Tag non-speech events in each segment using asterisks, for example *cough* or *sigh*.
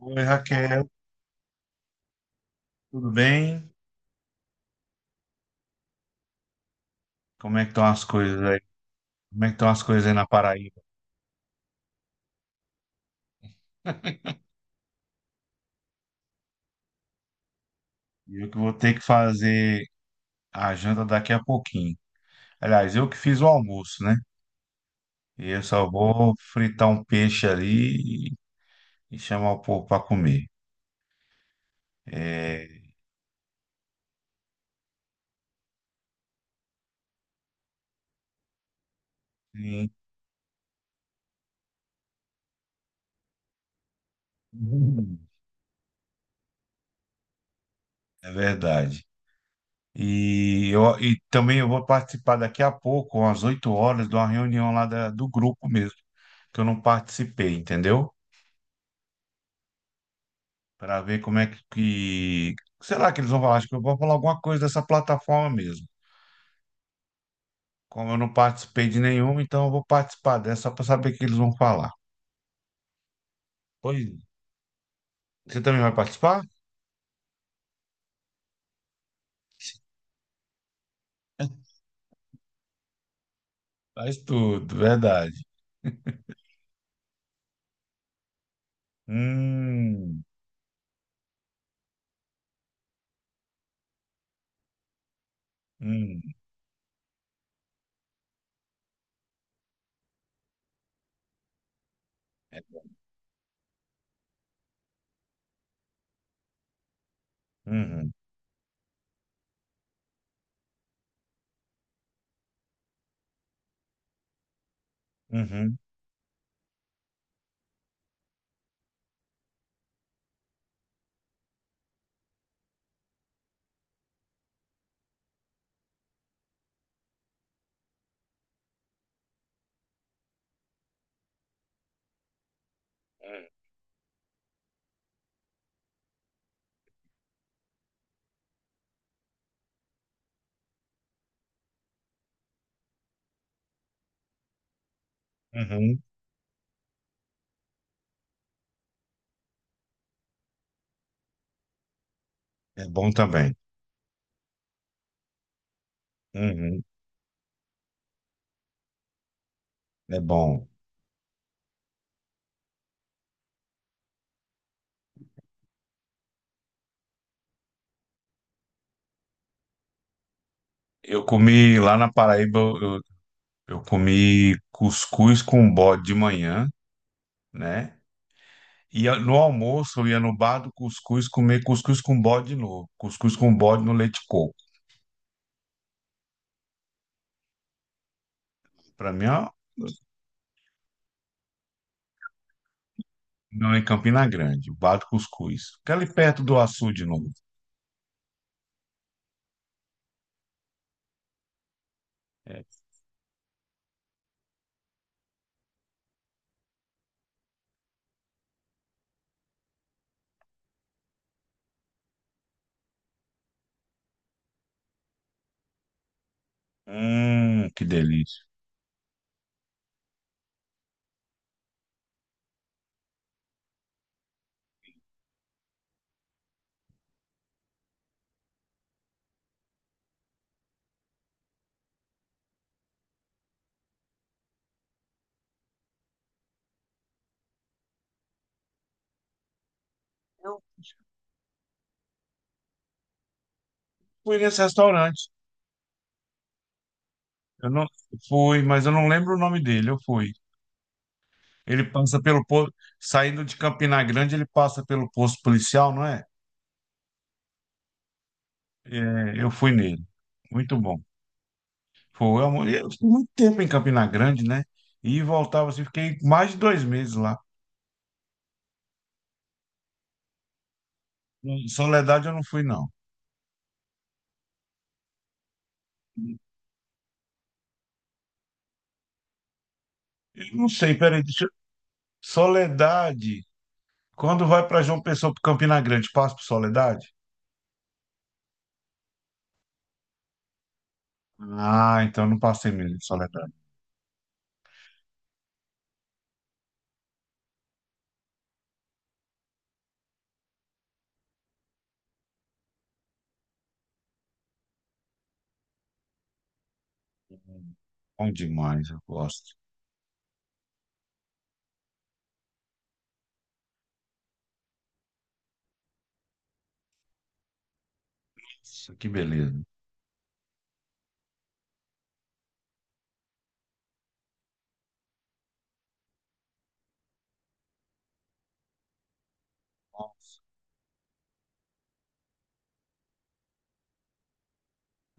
Oi, Raquel, tudo bem? Como é que estão as coisas aí? Como é que estão as coisas aí na Paraíba? *laughs* E eu que vou ter que fazer a janta daqui a pouquinho. Aliás, eu que fiz o almoço, né? E eu só vou fritar um peixe ali e chamar o povo para comer. É, sim. É verdade. E também eu vou participar daqui a pouco, às 8 horas, de uma reunião lá do grupo mesmo, que eu não participei, entendeu? Para ver como é que- Será que eles vão falar? Acho que eu vou falar alguma coisa dessa plataforma mesmo. Como eu não participei de nenhuma, então eu vou participar dessa só para saber o que eles vão falar. Pois, você também vai participar? Faz tudo, verdade. *laughs* Hum, hum, é, uhum, uhum, uhum. É bom também. Uhum, é bom. Eu comi lá na Paraíba, eu comi cuscuz com bode de manhã, né? Ia no almoço, eu ia no bar do cuscuz comer cuscuz com bode novo. Cuscuz com bode no leite de coco. Para mim, ó, não em Campina Grande, o bar do cuscuz. Fica ali perto do açude novo. É. Que delícia. Eu fui nesse restaurante. Eu não fui, mas eu não lembro o nome dele. Eu fui. Ele passa pelo posto, saindo de Campina Grande, ele passa pelo posto policial, não é? É, eu fui nele. Muito bom. Foi, amor. Eu fiquei muito tempo em Campina Grande, né? E voltava assim, fiquei mais de 2 meses lá. Em Soledade eu não fui, não. Eu não sei, peraí, deixa eu... Soledade. Quando vai para João Pessoa, para Campina Grande, passa por Soledade? Ah, então não passei mesmo em Soledade. Bom demais, eu gosto. Nossa, que beleza.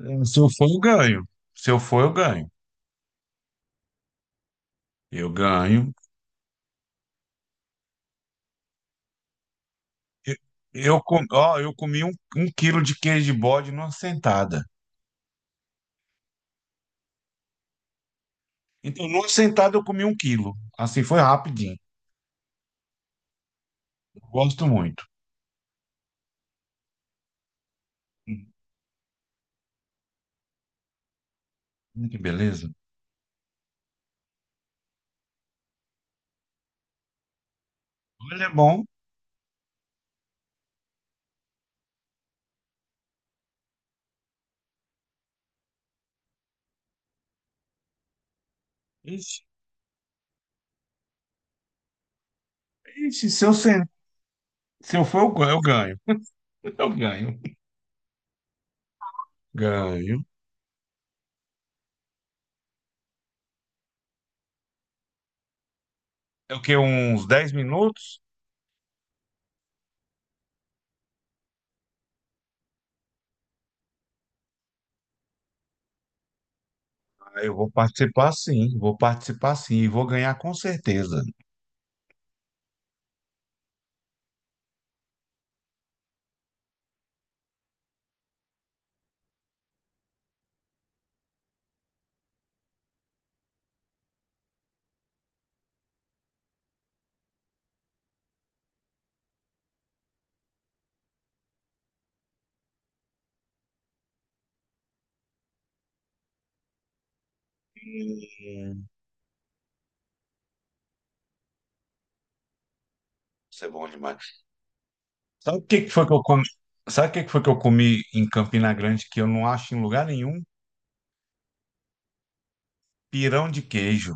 É, se eu for, eu ganho. Se eu for, eu ganho. Eu ganho. Eu, ó, eu comi um quilo de queijo de bode numa sentada. Então, numa sentada, eu comi 1 quilo. Assim, foi rapidinho. Eu gosto muito. Que beleza. Olha, é bom. Ixi, ixi, se eu for, eu ganho. Eu ganho. *laughs* Eu ganho. Ganho. É o quê? Uns 10 minutos? Ah, eu vou participar, sim. Vou participar, sim. E vou ganhar com certeza. Hum, Isso é bom demais. Sabe o que que foi que eu comi? Sabe o que que foi que eu comi em Campina Grande que eu não acho em lugar nenhum? Pirão de queijo.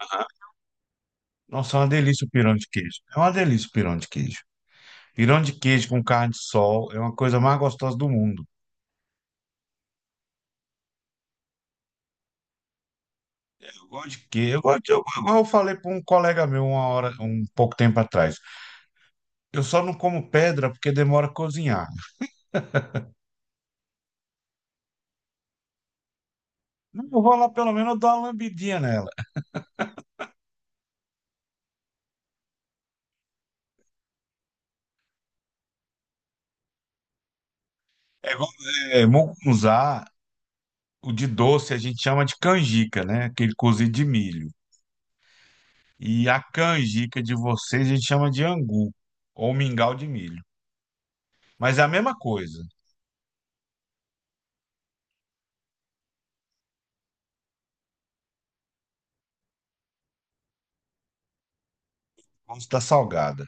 Aham. Nossa, é uma delícia o pirão de queijo. É uma delícia o pirão de queijo. Pirão de queijo com carne de sol é uma coisa mais gostosa do mundo. Eu gosto de queijo. Eu gosto igual eu falei para um colega meu uma hora, um pouco tempo atrás. Eu só não como pedra porque demora a cozinhar. Não, eu vou lá pelo menos eu dou uma lambidinha nela. É igual, é mucunzá, o de doce a gente chama de canjica, né? Aquele cozido de milho. E a canjica de vocês a gente chama de angu ou mingau de milho. Mas é a mesma coisa. Gosto da salgada.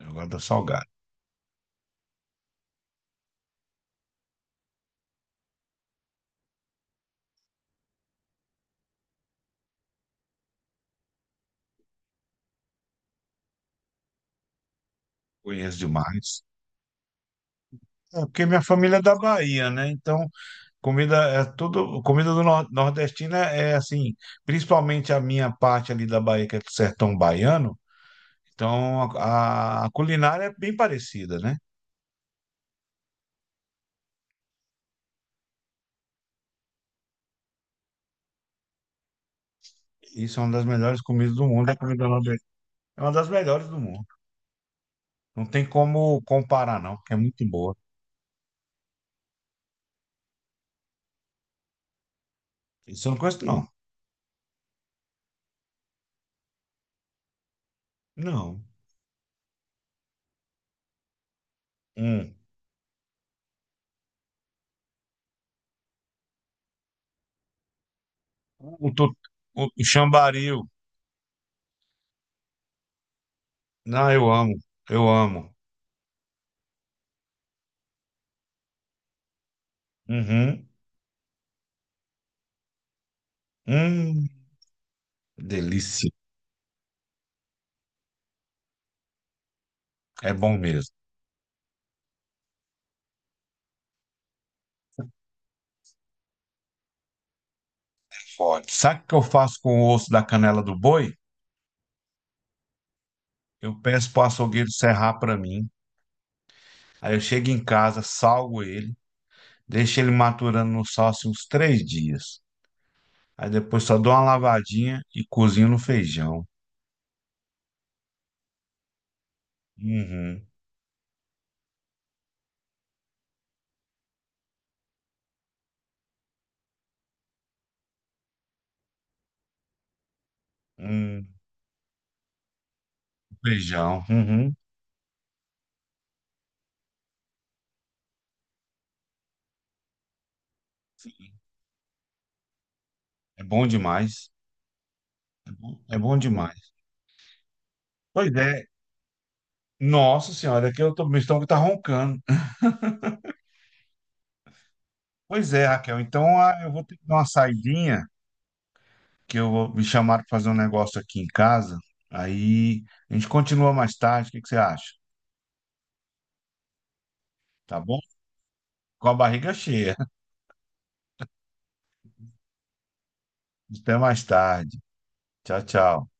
Eu gosto da salgada. Conheço demais. É porque minha família é da Bahia, né? Então, comida é tudo. Comida do nordestino é assim, principalmente a minha parte ali da Bahia, que é do sertão baiano. Então, a culinária é bem parecida, né? Isso é uma das melhores comidas do mundo. A comida nordestina é uma das melhores do mundo. Não tem como comparar, não, porque é muito boa. Isso eu não conheço, não. Não. um, O, tu- o chambaril. Não, eu amo. Eu amo. Uhum. Hum, delícia. É bom mesmo. Pode. Sabe o que eu faço com o osso da canela do boi? Eu peço pro açougueiro serrar para mim. Aí eu chego em casa, salgo ele, deixo ele maturando no sal assim, uns 3 dias. Aí depois só dou uma lavadinha e cozinho no feijão. Uhum. Hum, feijão. Uhum. É bom demais. É bom demais. Pois é, nossa senhora, aqui eu tô, meu estômago tá roncando. Pois é, Raquel, então ah, eu vou ter que dar uma saidinha, que eu vou me chamar para fazer um negócio aqui em casa. Aí a gente continua mais tarde, o que que você acha? Tá bom? Com a barriga cheia. *laughs* Até mais tarde. Tchau, tchau.